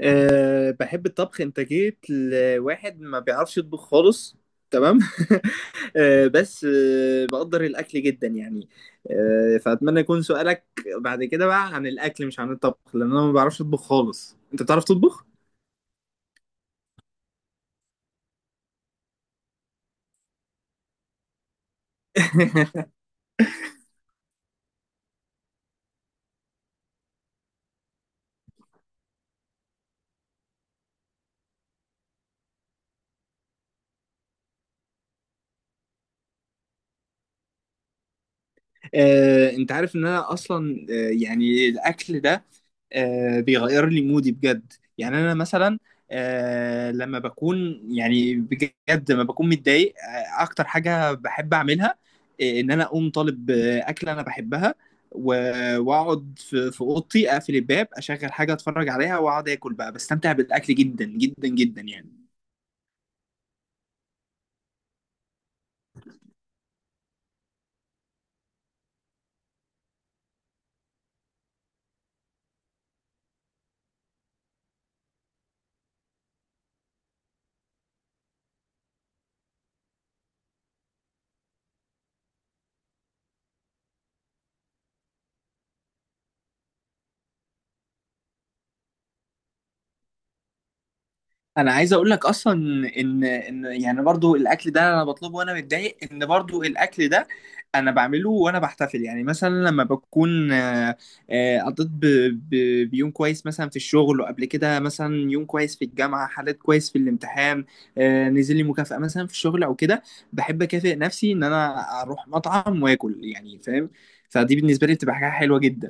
أه، بحب الطبخ. انت جيت لواحد ما بيعرفش يطبخ خالص. تمام. أه، بس بقدر الاكل جدا يعني. فاتمنى يكون سؤالك بعد كده بقى عن الاكل، مش عن الطبخ، لان انا ما بعرفش اطبخ خالص. انت بتعرف تطبخ؟ انت عارف ان انا اصلا، يعني الاكل ده بيغير لي مودي بجد. يعني انا مثلا لما بكون، يعني بجد لما بكون متضايق، اكتر حاجة بحب اعملها ان انا اقوم طالب اكلة انا بحبها واقعد في اوضتي، اقفل الباب، اشغل حاجة اتفرج عليها، واقعد اكل بقى، بستمتع بالاكل جدا جدا جدا يعني. انا عايز اقول لك اصلا ان يعني برضو الاكل ده انا بطلبه وانا متضايق، ان برضو الاكل ده انا بعمله وانا بحتفل. يعني مثلا لما بكون قضيت بيوم كويس مثلا في الشغل، وقبل كده مثلا يوم كويس في الجامعه، حليت كويس في الامتحان، نزل لي مكافاه مثلا في الشغل او كده، بحب اكافئ نفسي ان انا اروح مطعم واكل يعني، فاهم؟ فدي بالنسبه لي بتبقى حاجه حلوه جدا.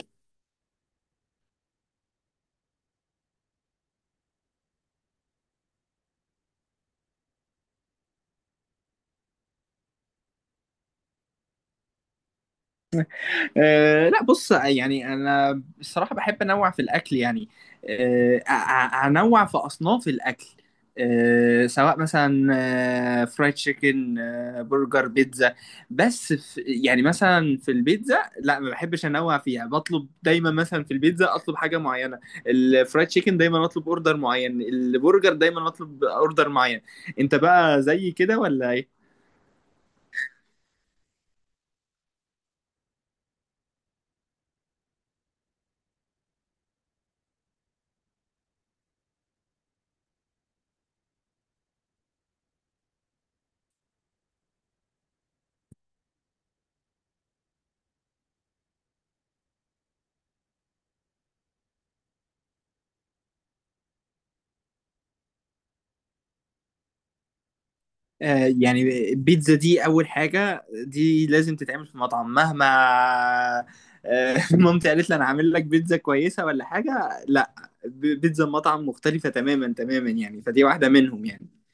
أه لا، بص يعني انا الصراحه بحب انوع في الاكل يعني. انوع في اصناف الاكل، سواء مثلا فرايد تشيكن، برجر، بيتزا. بس في، يعني مثلا في البيتزا لا، ما بحبش انوع فيها، بطلب دايما مثلا في البيتزا اطلب حاجه معينه، الفرايد تشيكن دايما اطلب اوردر معين، البرجر دايما اطلب اوردر معين. انت بقى زي كده ولا ايه؟ يعني البيتزا دي اول حاجه، دي لازم تتعمل في مطعم. مهما مامتي قالت لي انا عامل لك بيتزا كويسه ولا حاجه، لا. بيتزا مطعم مختلفه تماما تماما يعني، فدي واحده منهم يعني.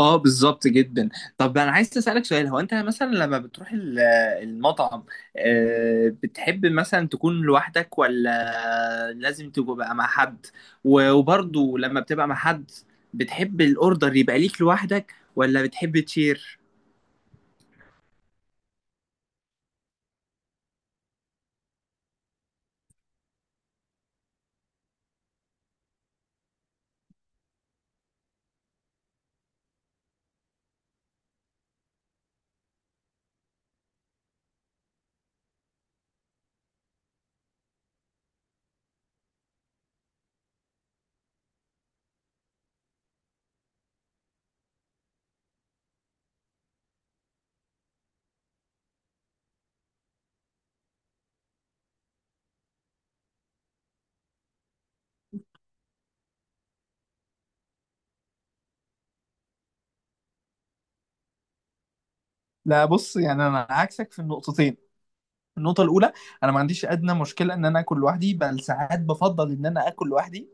اه بالظبط جدا. طب انا عايز اسالك سؤال، هو انت مثلا لما بتروح المطعم بتحب مثلا تكون لوحدك ولا لازم تبقى مع حد؟ وبرضه لما بتبقى مع حد، بتحب الاوردر يبقى ليك لوحدك ولا بتحب تشير؟ لا، بص يعني انا عكسك في النقطتين. النقطة الأولى، أنا ما عنديش أدنى مشكلة إن أنا آكل لوحدي، بل ساعات بفضل إن أنا آكل لوحدي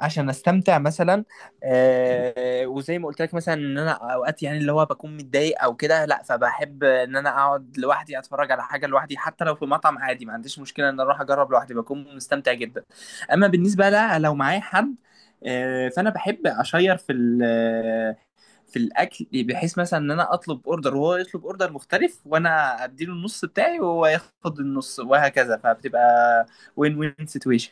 عشان أستمتع مثلا. وزي ما قلت لك، مثلا إن أنا أوقات، يعني اللي هو بكون متضايق أو كده، لأ، فبحب إن أنا أقعد لوحدي أتفرج على حاجة لوحدي، حتى لو في مطعم عادي، ما عنديش مشكلة إن أروح أجرب لوحدي، بكون مستمتع جدا. أما بالنسبة لأ، لو معايا حد فأنا بحب أشير في في الاكل، بحيث مثلا ان انا اطلب اوردر وهو يطلب اوردر مختلف، وانا اديله النص بتاعي وهو ياخد النص، وهكذا. فبتبقى وين وين سيتويشن.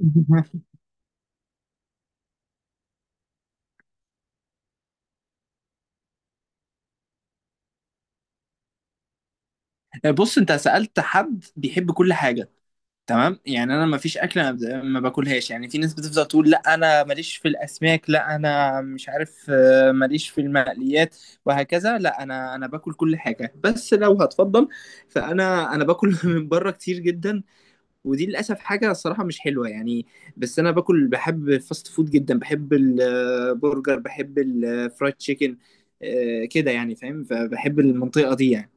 بص، انت سألت حد بيحب كل حاجة، تمام؟ يعني انا ما فيش اكله ما باكلهاش. يعني في ناس بتفضل تقول لا انا ماليش في الاسماك، لا انا مش عارف، ماليش في المقليات، وهكذا. لا، انا باكل كل حاجه، بس لو هتفضل، فانا باكل من بره كتير جدا، ودي للاسف حاجه الصراحه مش حلوه يعني. بس انا باكل، بحب الفاست فود جدا، بحب البرجر، بحب الفرايد تشيكن كده يعني، فاهم؟ فبحب المنطقه دي يعني.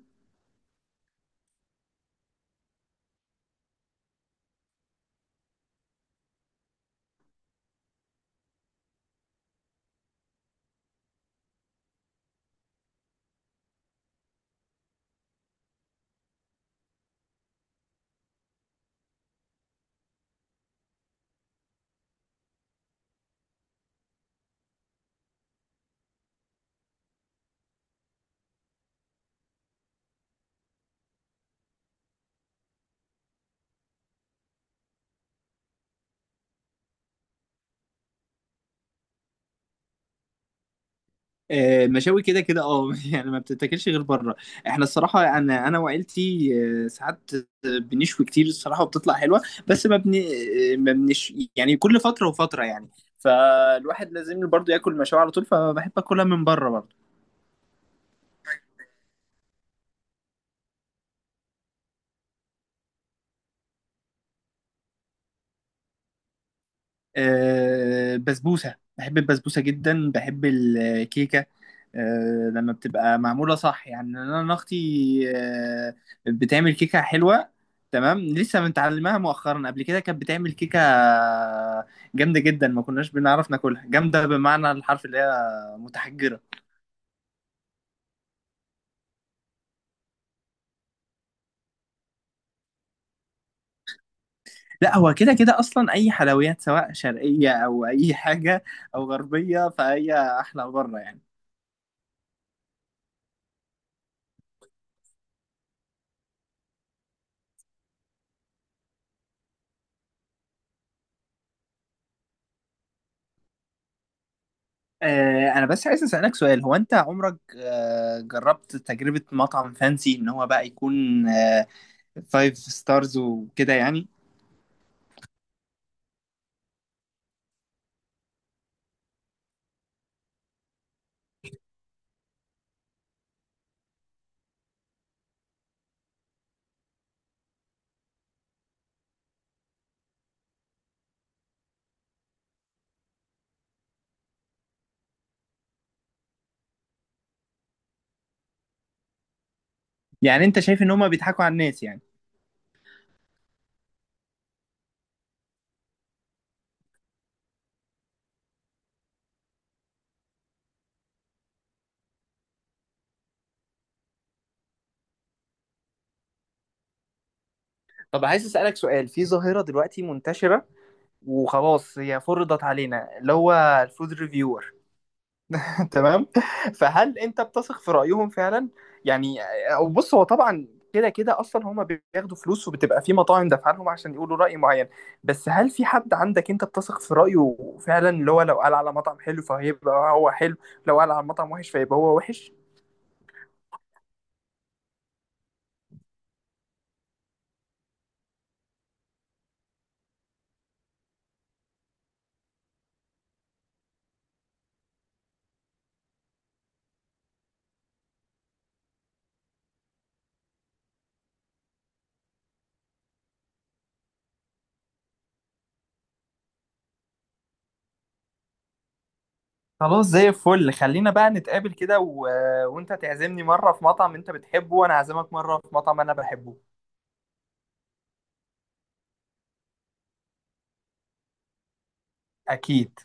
مشاوي؟ كده كده اه يعني ما بتتاكلش غير بره. احنا الصراحه، انا وعيلتي ساعات بنشوي كتير الصراحه وبتطلع حلوه، بس ما بن آه، ما بنش، يعني كل فتره وفتره يعني، فالواحد لازم برضه ياكل مشاوي على طول، فبحب اكلها من بره برضه. بسبوسة، بحب البسبوسة جدا، بحب الكيكة لما بتبقى معمولة صح يعني. أنا أنا أختي آه، بتعمل كيكة حلوة، تمام، لسه متعلمها مؤخرا. قبل كده كانت بتعمل كيكة جامدة جدا، ما كناش بنعرف ناكلها، جامدة بمعنى الحرف، اللي هي متحجرة. لا، هو كده كده أصلا، أي حلويات سواء شرقية أو أي حاجة أو غربية، فهي أحلى بره يعني. انا بس عايز اسالك سؤال، هو انت عمرك جربت تجربه مطعم فانسي، ان هو بقى يكون فايف ستارز وكده يعني؟ يعني انت شايف ان هما بيضحكوا على الناس يعني؟ طب عايز اسالك سؤال، في ظاهره دلوقتي منتشره وخلاص هي فرضت علينا، اللي هو الفود ريفيور، تمام؟ فهل انت بتثق في رايهم فعلا؟ يعني، أو بص، هو طبعا كده كده اصلا هما بياخدوا فلوس، وبتبقى في مطاعم دافعه لهم عشان يقولوا راي معين، بس هل في حد عندك انت بتثق في رايه فعلا؟ اللي هو لو قال على مطعم حلو فهيبقى هو حلو، لو قال على مطعم وحش فيبقى هو وحش. خلاص، زي الفل، خلينا بقى نتقابل كده وانت تعزمني مره في مطعم انت بتحبه، وانا اعزمك مره في مطعم انا بحبه. اكيد.